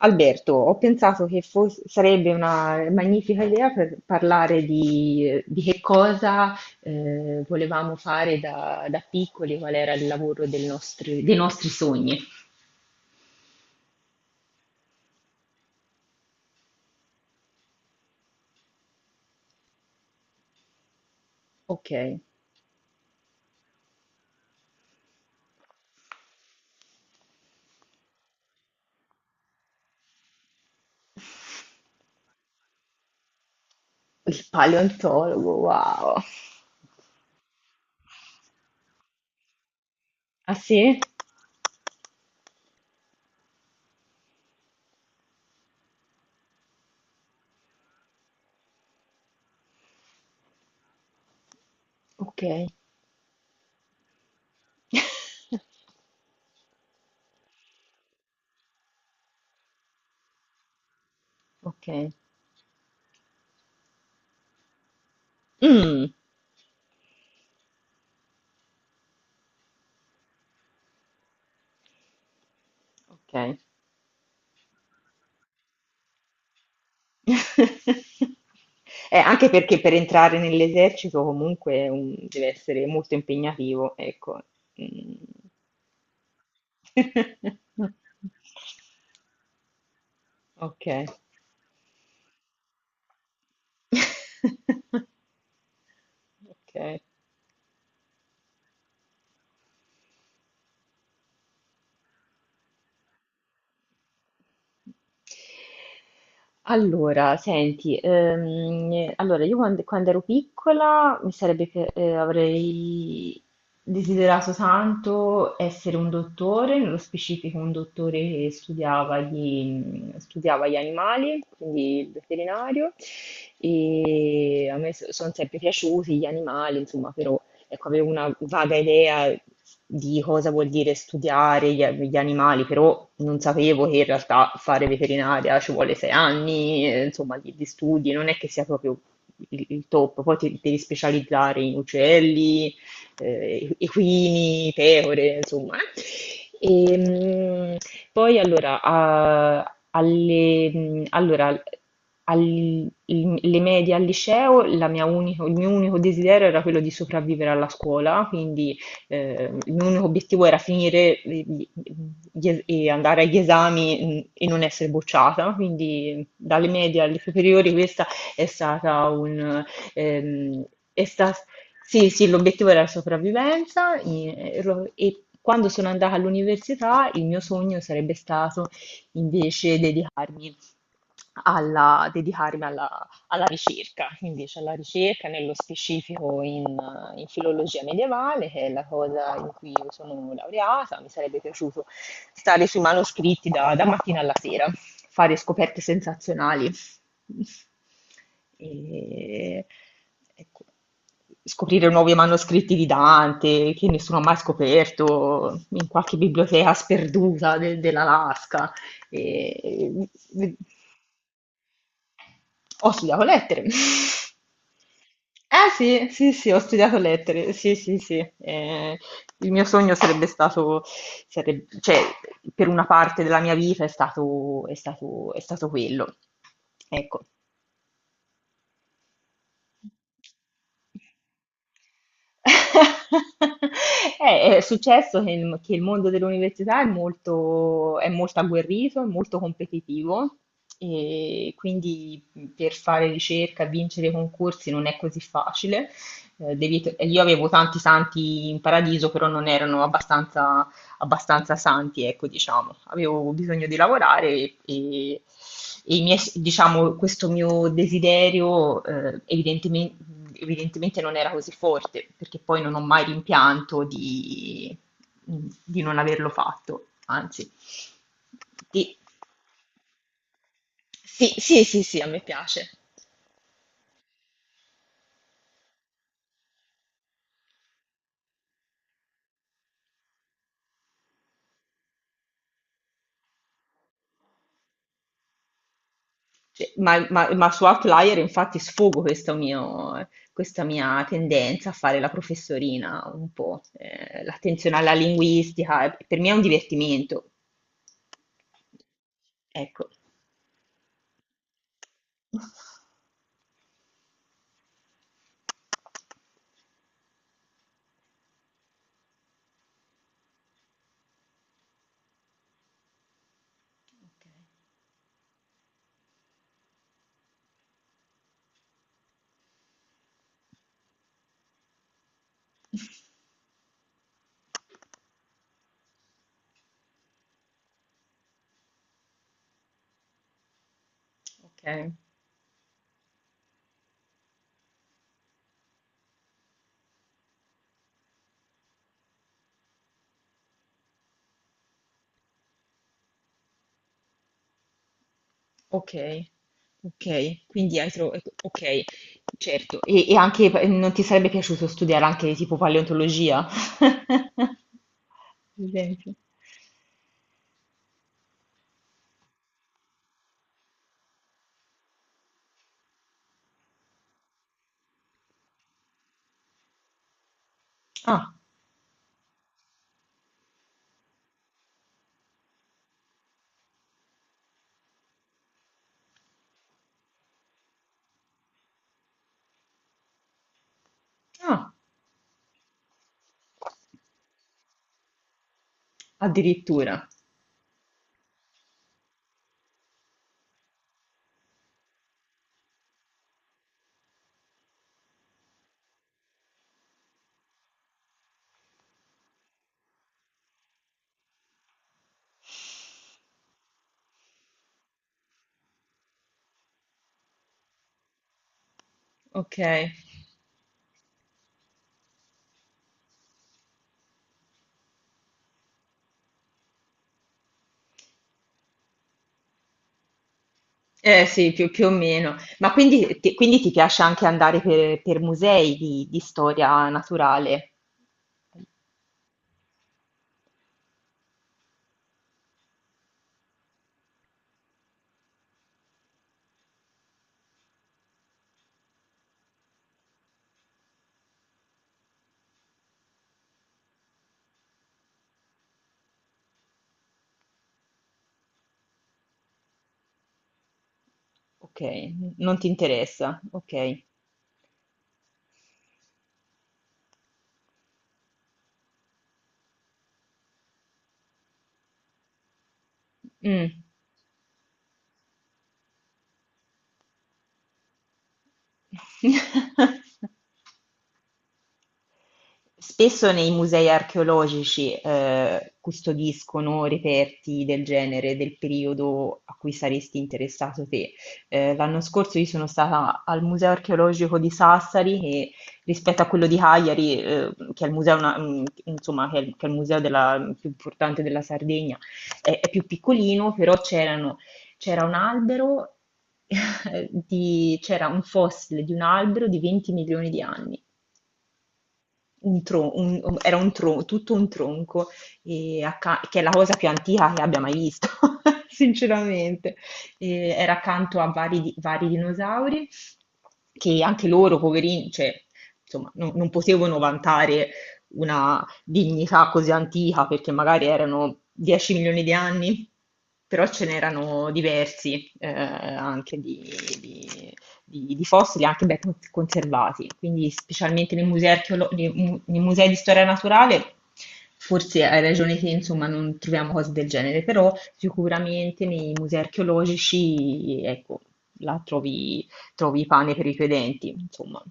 Alberto, ho pensato che sarebbe una magnifica idea per parlare di che cosa volevamo fare da piccoli, qual era il lavoro dei nostri sogni. Ok, il paleontologo, wow. Ah, sì? Ok. Ok. Mm. Ok. Anche perché per entrare nell'esercito comunque deve essere molto impegnativo, ecco. Mm. Ok. Ok. Allora, senti, allora io quando ero piccola avrei desiderato tanto essere un dottore, nello specifico un dottore che studiava gli animali, quindi il veterinario, e a me sono sempre piaciuti gli animali, insomma, però ecco, avevo una vaga idea di cosa vuol dire studiare gli animali, però non sapevo che in realtà fare veterinaria ci vuole sei anni, insomma, di studi, non è che sia proprio il top, poi ti devi specializzare in uccelli, equini, pecore, insomma. E, mm, poi allora, a- alle, mm, allora, al- l- le medie, al liceo, la il mio unico desiderio era quello di sopravvivere alla scuola, quindi il mio unico obiettivo era finire gli- gli es- e andare agli esami, e non essere bocciata, quindi mm, dalle medie alle superiori questa è stata un... ehm, è sta- sì, sì, l'obiettivo era la sopravvivenza. E e quando sono andata all'università il mio sogno sarebbe stato invece dedicarmi alla ricerca, invece alla ricerca nello specifico in filologia medievale, che è la cosa in cui io sono laureata. Mi sarebbe piaciuto stare sui manoscritti da mattina alla sera, fare scoperte sensazionali. E, ecco, scoprire nuovi manoscritti di Dante che nessuno ha mai scoperto in qualche biblioteca sperduta dell'Alaska. E... vi- Ho studiato lettere. Eh, sì, sì, sì, ho studiato lettere, sì, sì, sì. Il mio sogno cioè, per una parte della mia vita è stato quello. Ecco. È successo che il mondo dell'università è è molto agguerrito, è molto competitivo, e quindi per fare ricerca e vincere i concorsi non è così facile. Io avevo tanti santi in paradiso, però non erano abbastanza santi, ecco, diciamo. Avevo bisogno di lavorare, e, e i miei, diciamo, questo mio desiderio, evidentemente, non era così forte, perché poi non ho mai rimpianto di non averlo fatto, anzi. Ti- sì, sì, sì, sì, a me piace. Cioè, ma su Outlier infatti sfogo questo mio questa mia tendenza a fare la professorina un po', l'attenzione alla linguistica, e per me è un divertimento. Ecco. Okay, okay, okay, quindi hai tro okay, certo. E anche p non ti sarebbe piaciuto studiare anche tipo paleontologia? Per esempio. Ah, ah, addirittura. Okay. Eh, sì, più o meno. Ma quindi ti piace anche andare per musei di storia naturale? Ok, non ti interessa. Ok. Mm. Spesso nei musei archeologici, custodiscono reperti del genere, del periodo a cui saresti interessato te. L'anno scorso io sono stata al Museo Archeologico di Sassari che, rispetto a quello di Cagliari, che è il museo na mhmm, insomma che è il museo della più importante della Sardegna, è più piccolino, però c'era un albero di c'era un fossile di un albero di 20 milioni di anni. Un tro un um, era un tro Tutto un tronco, acca, che è la cosa più antica che abbia mai visto, sinceramente. Era accanto a vari di vari dinosauri, che anche loro, poverini, cioè, insomma, non potevano vantare una dignità così antica, perché magari erano 10 milioni di anni, però ce n'erano diversi, anche di di fossili anche ben conservati. Quindi specialmente nei musei, archeolo- nei mu- nei musei di storia naturale, forse hai ragione te, insomma, non troviamo cose del genere, però sicuramente nei musei archeologici, ecco, là trovi pane per i tuoi denti, insomma.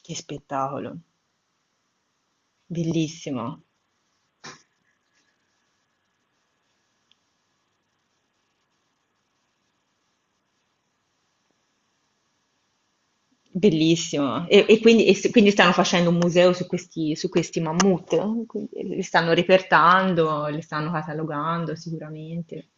Che spettacolo, bellissimo. Bellissimo. E quindi, quindi stanno facendo un museo su su questi mammut, eh? Quindi li stanno repertando, li stanno catalogando sicuramente.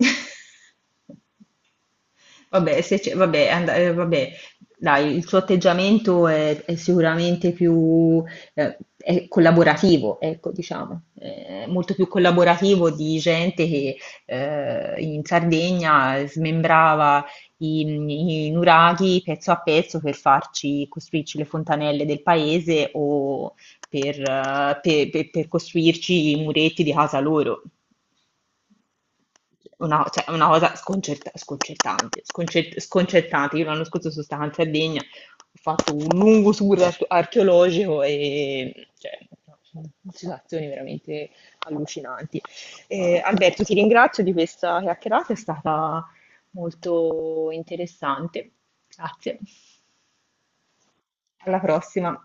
Vabbè, se c'è vabbè, and vabbè, dai, il suo atteggiamento è sicuramente più, è collaborativo, ecco, diciamo, è molto più collaborativo di gente che, in Sardegna smembrava i nuraghi pezzo a pezzo per farci costruirci le fontanelle del paese o per, per costruirci i muretti di casa loro. Una Cioè, è una cosa sconcertante, sconcertante. Io l'anno scorso sono stata in Sardegna, ho fatto un lungo tour archeologico e, cioè, no, sono situazioni veramente allucinanti. Alberto, ti ringrazio di questa chiacchierata, è stata molto interessante. Grazie. Alla prossima.